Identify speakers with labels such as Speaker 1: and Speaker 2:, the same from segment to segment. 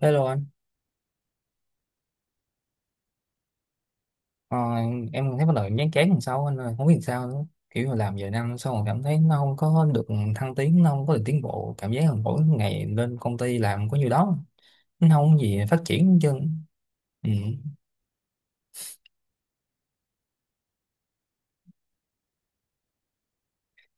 Speaker 1: Hello anh. ờ, em thấy bắt đầu em chán chán làm sao anh ơi, không biết làm sao nữa. Kiểu là làm vài năm xong rồi cảm thấy nó không có được thăng tiến, nó không có được tiến bộ. Cảm giác là mỗi ngày lên công ty làm có nhiêu đó, nó không có gì phát triển hết trơn. Ừ.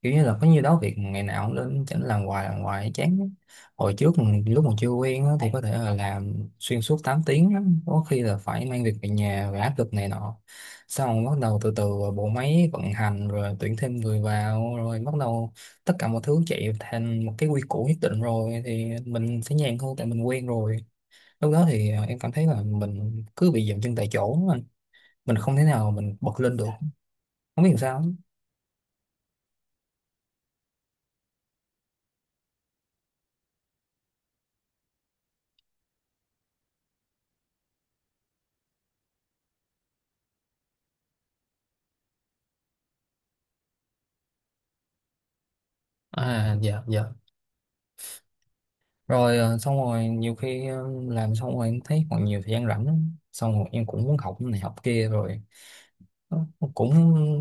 Speaker 1: Kiểu như là có nhiêu đó việc ngày nào cũng lên chỉnh làm hoài chán lắm. Hồi trước lúc mà chưa quen á, thì có thể là làm xuyên suốt 8 tiếng á. Có khi là phải mang việc về nhà và áp lực này nọ, xong bắt đầu từ từ bộ máy vận hành rồi tuyển thêm người vào rồi bắt đầu tất cả mọi thứ chạy thành một cái quy củ nhất định, rồi thì mình sẽ nhàn hơn tại mình quen rồi. Lúc đó thì em cảm thấy là mình cứ bị dậm chân tại chỗ á anh. Mình không thể nào mình bật lên được, không biết làm sao á. À, dạ dạ. Rồi, xong rồi nhiều khi, làm xong rồi em thấy còn nhiều thời gian rảnh lắm. Xong rồi em cũng muốn học này học kia rồi, ờ, cũng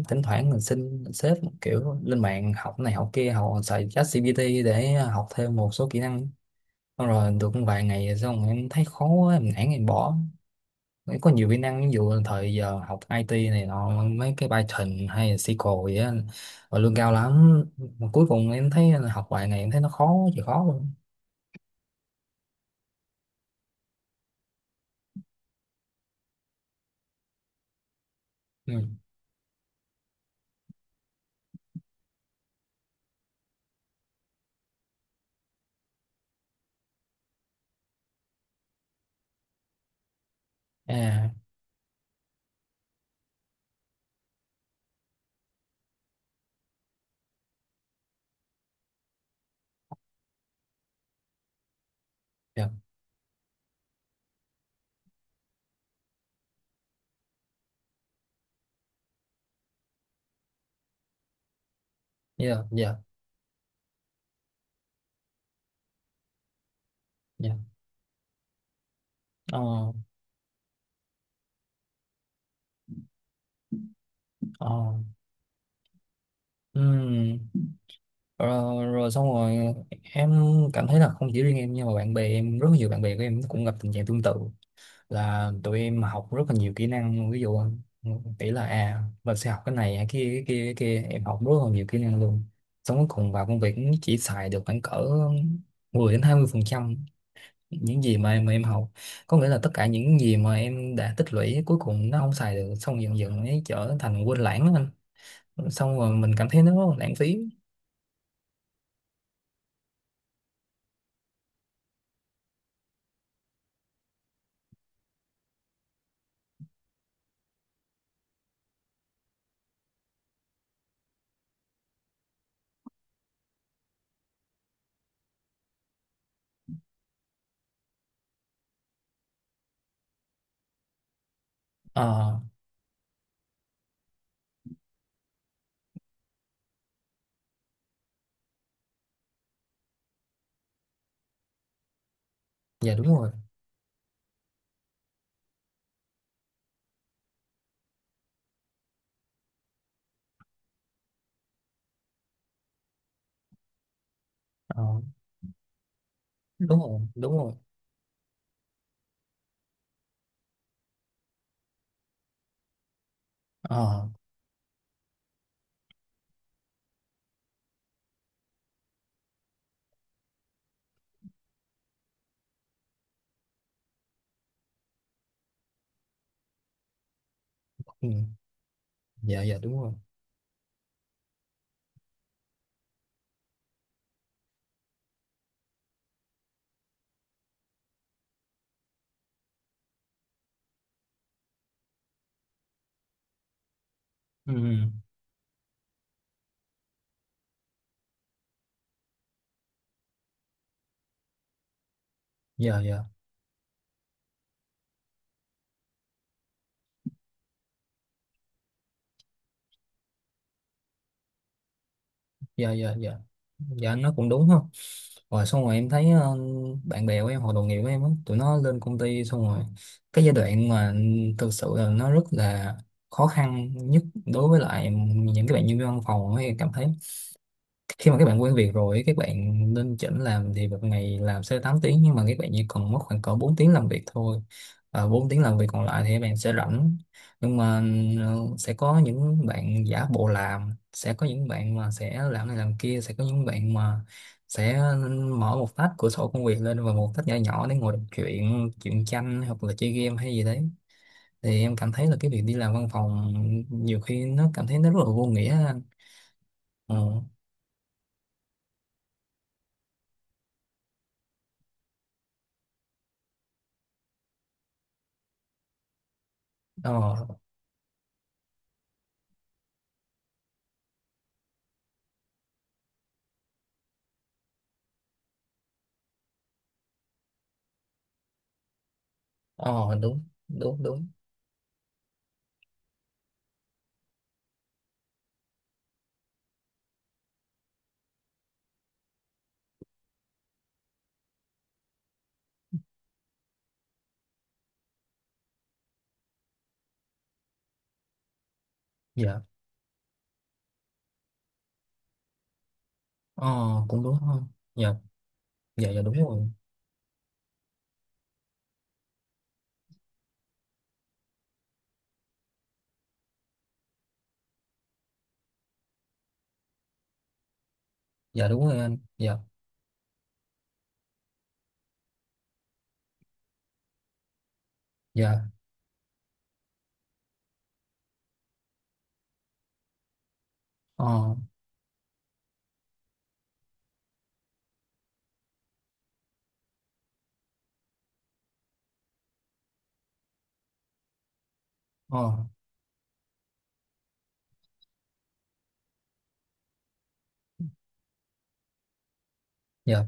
Speaker 1: thỉnh thoảng mình xin sếp kiểu lên mạng học này học kia, học xài ChatGPT để học thêm một số kỹ năng. Xong rồi được vài ngày rồi xong rồi em thấy khó quá, em nản em bỏ. Em có nhiều kỹ năng, ví dụ là thời giờ học IT này nọ, mấy cái Python hay là SQL vậy á, và lương cao lắm, mà cuối cùng em thấy là học vài ngày em thấy nó khó chịu, khó luôn. Ừ. À. Dạ. Dạ dạ dạ. ờ ờ ừm. Rồi, rồi xong rồi em cảm thấy là không chỉ riêng em, nhưng mà bạn bè em, rất nhiều bạn bè của em cũng gặp tình trạng tương tự, là tụi em học rất là nhiều kỹ năng. Ví dụ tỷ là mình sẽ học cái này cái kia cái kia, em học rất là nhiều kỹ năng luôn, xong cuối cùng vào công việc cũng chỉ xài được khoảng cỡ 10 đến 20% những gì mà em học. Có nghĩa là tất cả những gì mà em đã tích lũy cuối cùng nó không xài được, xong dần dần ấy trở thành quên lãng á anh. Xong rồi mình cảm thấy nó rất là lãng phí. ờ dạ đúng rồi. ờ, Đúng rồi, đúng rồi. ờ ừ, dạ dạ đúng rồi. Ừ, ừ, dạ dạ dạ dạ. Dạ dạ. Nó cũng đúng không. Rồi xong rồi em thấy, bạn bè của em hoặc đồng nghiệp của em á, tụi nó lên công ty xong rồi cái giai đoạn mà thực sự là nó rất là khó khăn nhất đối với lại những cái bạn nhân viên văn phòng ấy, em cảm thấy khi mà các bạn quen việc rồi ấy, các bạn nên chỉnh làm thì một ngày làm sẽ 8 tiếng, nhưng mà các bạn chỉ cần mất khoảng cỡ 4 tiếng làm việc thôi. À, 4 tiếng làm việc còn lại thì các bạn sẽ rảnh. Nhưng mà, ừ, sẽ có những bạn giả bộ làm, sẽ có những bạn mà sẽ làm này làm kia, sẽ có những bạn mà sẽ mở một tách cửa sổ công việc lên và một tách nhỏ nhỏ để ngồi đọc chuyện chuyện tranh hoặc là chơi game hay gì đấy. Thì em cảm thấy là cái việc đi làm văn phòng nhiều khi nó cảm thấy nó rất là vô nghĩa anh. ờ ờ ờ Đúng đúng đúng. Dạ. ờ Cũng đúng không. Dạ dạ dạ đúng rồi. Dạ đúng rồi anh. Dạ dạ. ờ ờ dạ.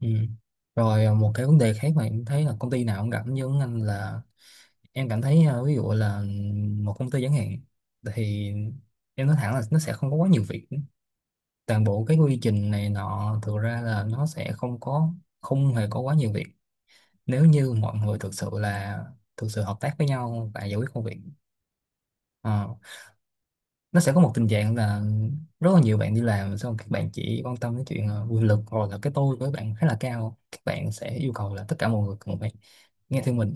Speaker 1: Ừ. Rồi một cái vấn đề khác mà em thấy là công ty nào cũng gặp như anh là em cảm thấy, ví dụ là một công ty chẳng hạn thì em nói thẳng là nó sẽ không có quá nhiều việc. Toàn bộ cái quy trình này nọ thực ra là nó sẽ không có, không hề có quá nhiều việc, nếu như mọi người thực sự là thực sự hợp tác với nhau và giải quyết công việc. ờ, nó sẽ có một tình trạng là rất là nhiều bạn đi làm xong các bạn chỉ quan tâm đến chuyện, quyền lực, hoặc là cái tôi của các bạn khá là cao, các bạn sẽ yêu cầu là tất cả mọi người cùng phải nghe theo mình.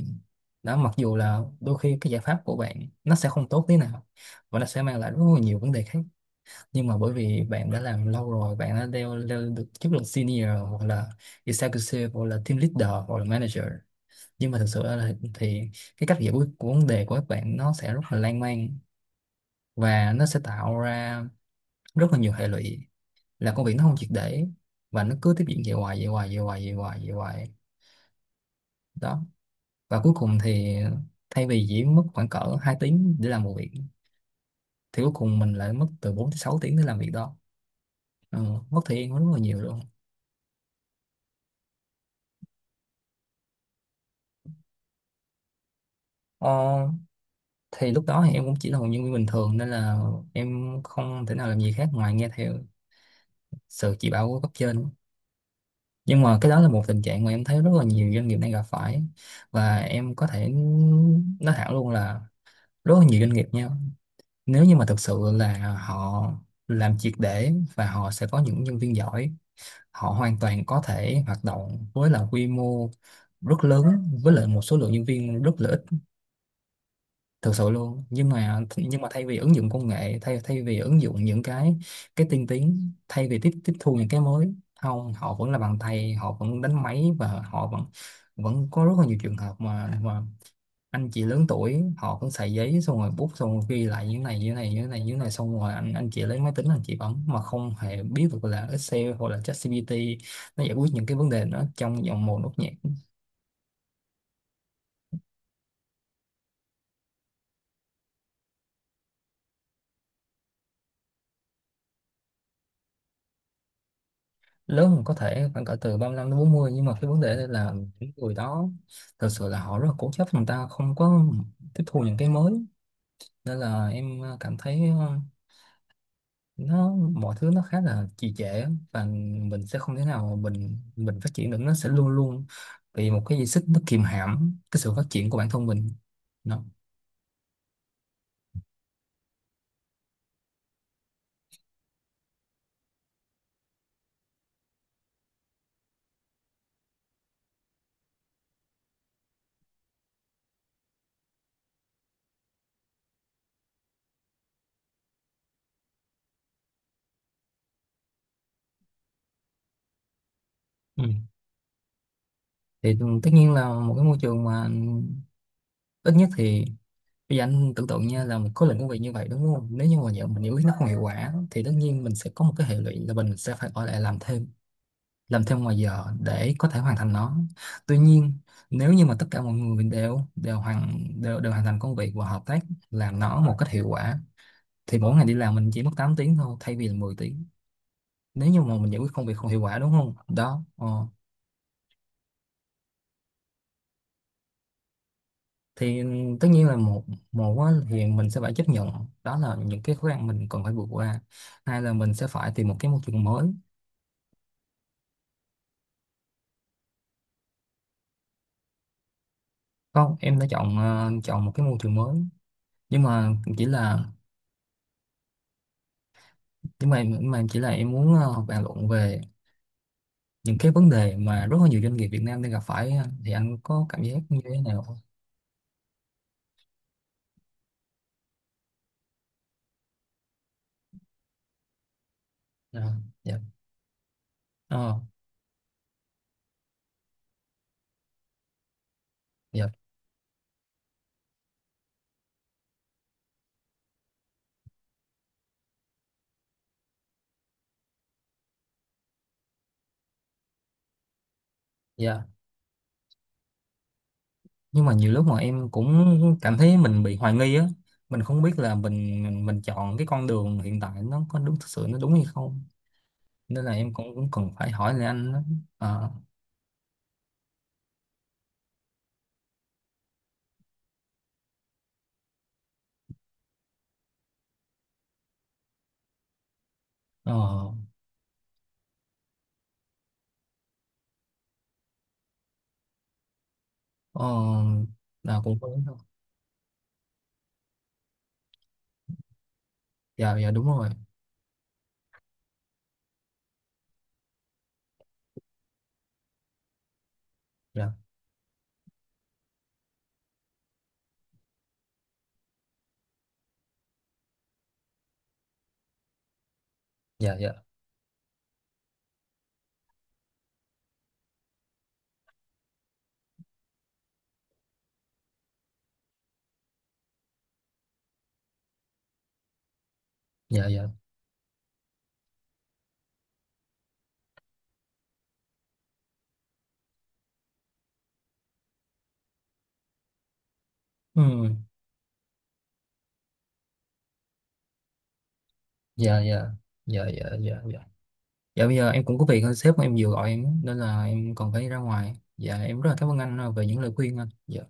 Speaker 1: Đó, mặc dù là đôi khi cái giải pháp của bạn nó sẽ không tốt thế nào, và nó sẽ mang lại rất là nhiều vấn đề khác. Nhưng mà bởi vì bạn đã làm lâu rồi, bạn đã leo leo được chức là senior hoặc là executive hoặc là team leader hoặc là manager, nhưng mà thực sự là thì cái cách giải quyết của vấn đề của các bạn nó sẽ rất là lan man, và nó sẽ tạo ra rất là nhiều hệ lụy, là công việc nó không triệt để, và nó cứ tiếp diễn vậy hoài vậy hoài vậy hoài vậy hoài vậy hoài. Đó, và cuối cùng thì thay vì chỉ mất khoảng cỡ 2 tiếng để làm một việc, thì cuối cùng mình lại mất từ 4 tới 6 tiếng để làm việc đó. Ừ, mất thời gian rất là nhiều luôn. ờ, thì lúc đó thì em cũng chỉ là một nhân viên bình thường, nên là em không thể nào làm gì khác ngoài nghe theo sự chỉ bảo của cấp trên. Nhưng mà cái đó là một tình trạng mà em thấy rất là nhiều doanh nghiệp đang gặp phải, và em có thể nói thẳng luôn là rất là nhiều doanh nghiệp nha. Nếu như mà thực sự là họ làm triệt để và họ sẽ có những nhân viên giỏi, họ hoàn toàn có thể hoạt động với là quy mô rất lớn với lại một số lượng nhân viên rất là ít, thực sự luôn. Nhưng mà, nhưng mà thay vì ứng dụng công nghệ, thay thay vì ứng dụng những cái tiên tiến, thay vì tiếp tiếp thu những cái mới, không, họ vẫn là bằng tay, họ vẫn đánh máy, và họ vẫn, vẫn có rất là nhiều trường hợp mà anh chị lớn tuổi họ cũng xài giấy xong rồi bút xong rồi ghi lại như này như này như này như này, xong rồi anh chị lấy máy tính anh chị bấm mà không hề biết được là Excel hoặc là ChatGPT nó giải quyết những cái vấn đề đó trong vòng một nốt nhạc. Lớn hơn có thể khoảng cỡ từ 35 đến 40, nhưng mà cái vấn đề đây là những người đó thực sự là họ rất là cố chấp, người ta không có tiếp thu những cái mới, nên là em, cảm thấy, nó mọi thứ nó khá là trì trệ á, và mình sẽ không thể nào mà mình phát triển được, nó sẽ luôn luôn bị một cái gì xích nó kìm hãm cái sự phát triển của bản thân mình. Đó. Ừ. Thì tất nhiên là một cái môi trường mà ít nhất thì bây giờ anh tưởng tượng nha là một khối lượng công việc như vậy, đúng không, nếu như mà giờ mình giải quyết nó không hiệu quả thì tất nhiên mình sẽ có một cái hệ lụy là mình sẽ phải ở lại làm thêm, làm thêm ngoài giờ để có thể hoàn thành nó. Tuy nhiên, nếu như mà tất cả mọi người đều đều hoàn thành công việc và hợp tác làm nó một cách hiệu quả, thì mỗi ngày đi làm mình chỉ mất 8 tiếng thôi, thay vì là 10 tiếng nếu như mà mình giải quyết công việc không hiệu quả, đúng không. Đó. Ờ. Thì tất nhiên là một, một á, thì mình sẽ phải chấp nhận, đó là những cái khó khăn mình cần phải vượt qua. Hai là mình sẽ phải tìm một cái môi trường mới. Không, em đã chọn, chọn một cái môi trường mới, nhưng mà chỉ là, nhưng mà chỉ là em muốn, bàn luận về những cái vấn đề mà rất là nhiều doanh nghiệp Việt Nam đang gặp phải á, thì anh có cảm giác như thế nào? Không? À, dạ. Ờ, dạ, dạ. Nhưng mà nhiều lúc mà em cũng cảm thấy mình bị hoài nghi á, mình không biết là mình chọn cái con đường hiện tại nó có đúng, thực sự nó đúng hay không. Nên là em cũng cũng cần phải hỏi lại anh đó. À. ờ, ờ, là cũng có đúng không? Dạ, dạ đúng rồi. Dạ, dạ, dạ, dạ, dạ. Ừ, dạ, dạ, dạ, dạ, dạ, dạ. Dạ bây giờ em cũng có việc hơn, sếp của em vừa gọi em á, nên là em còn phải ra ngoài. Dạ em rất là cảm ơn anh, về những lời khuyên anh. Dạ.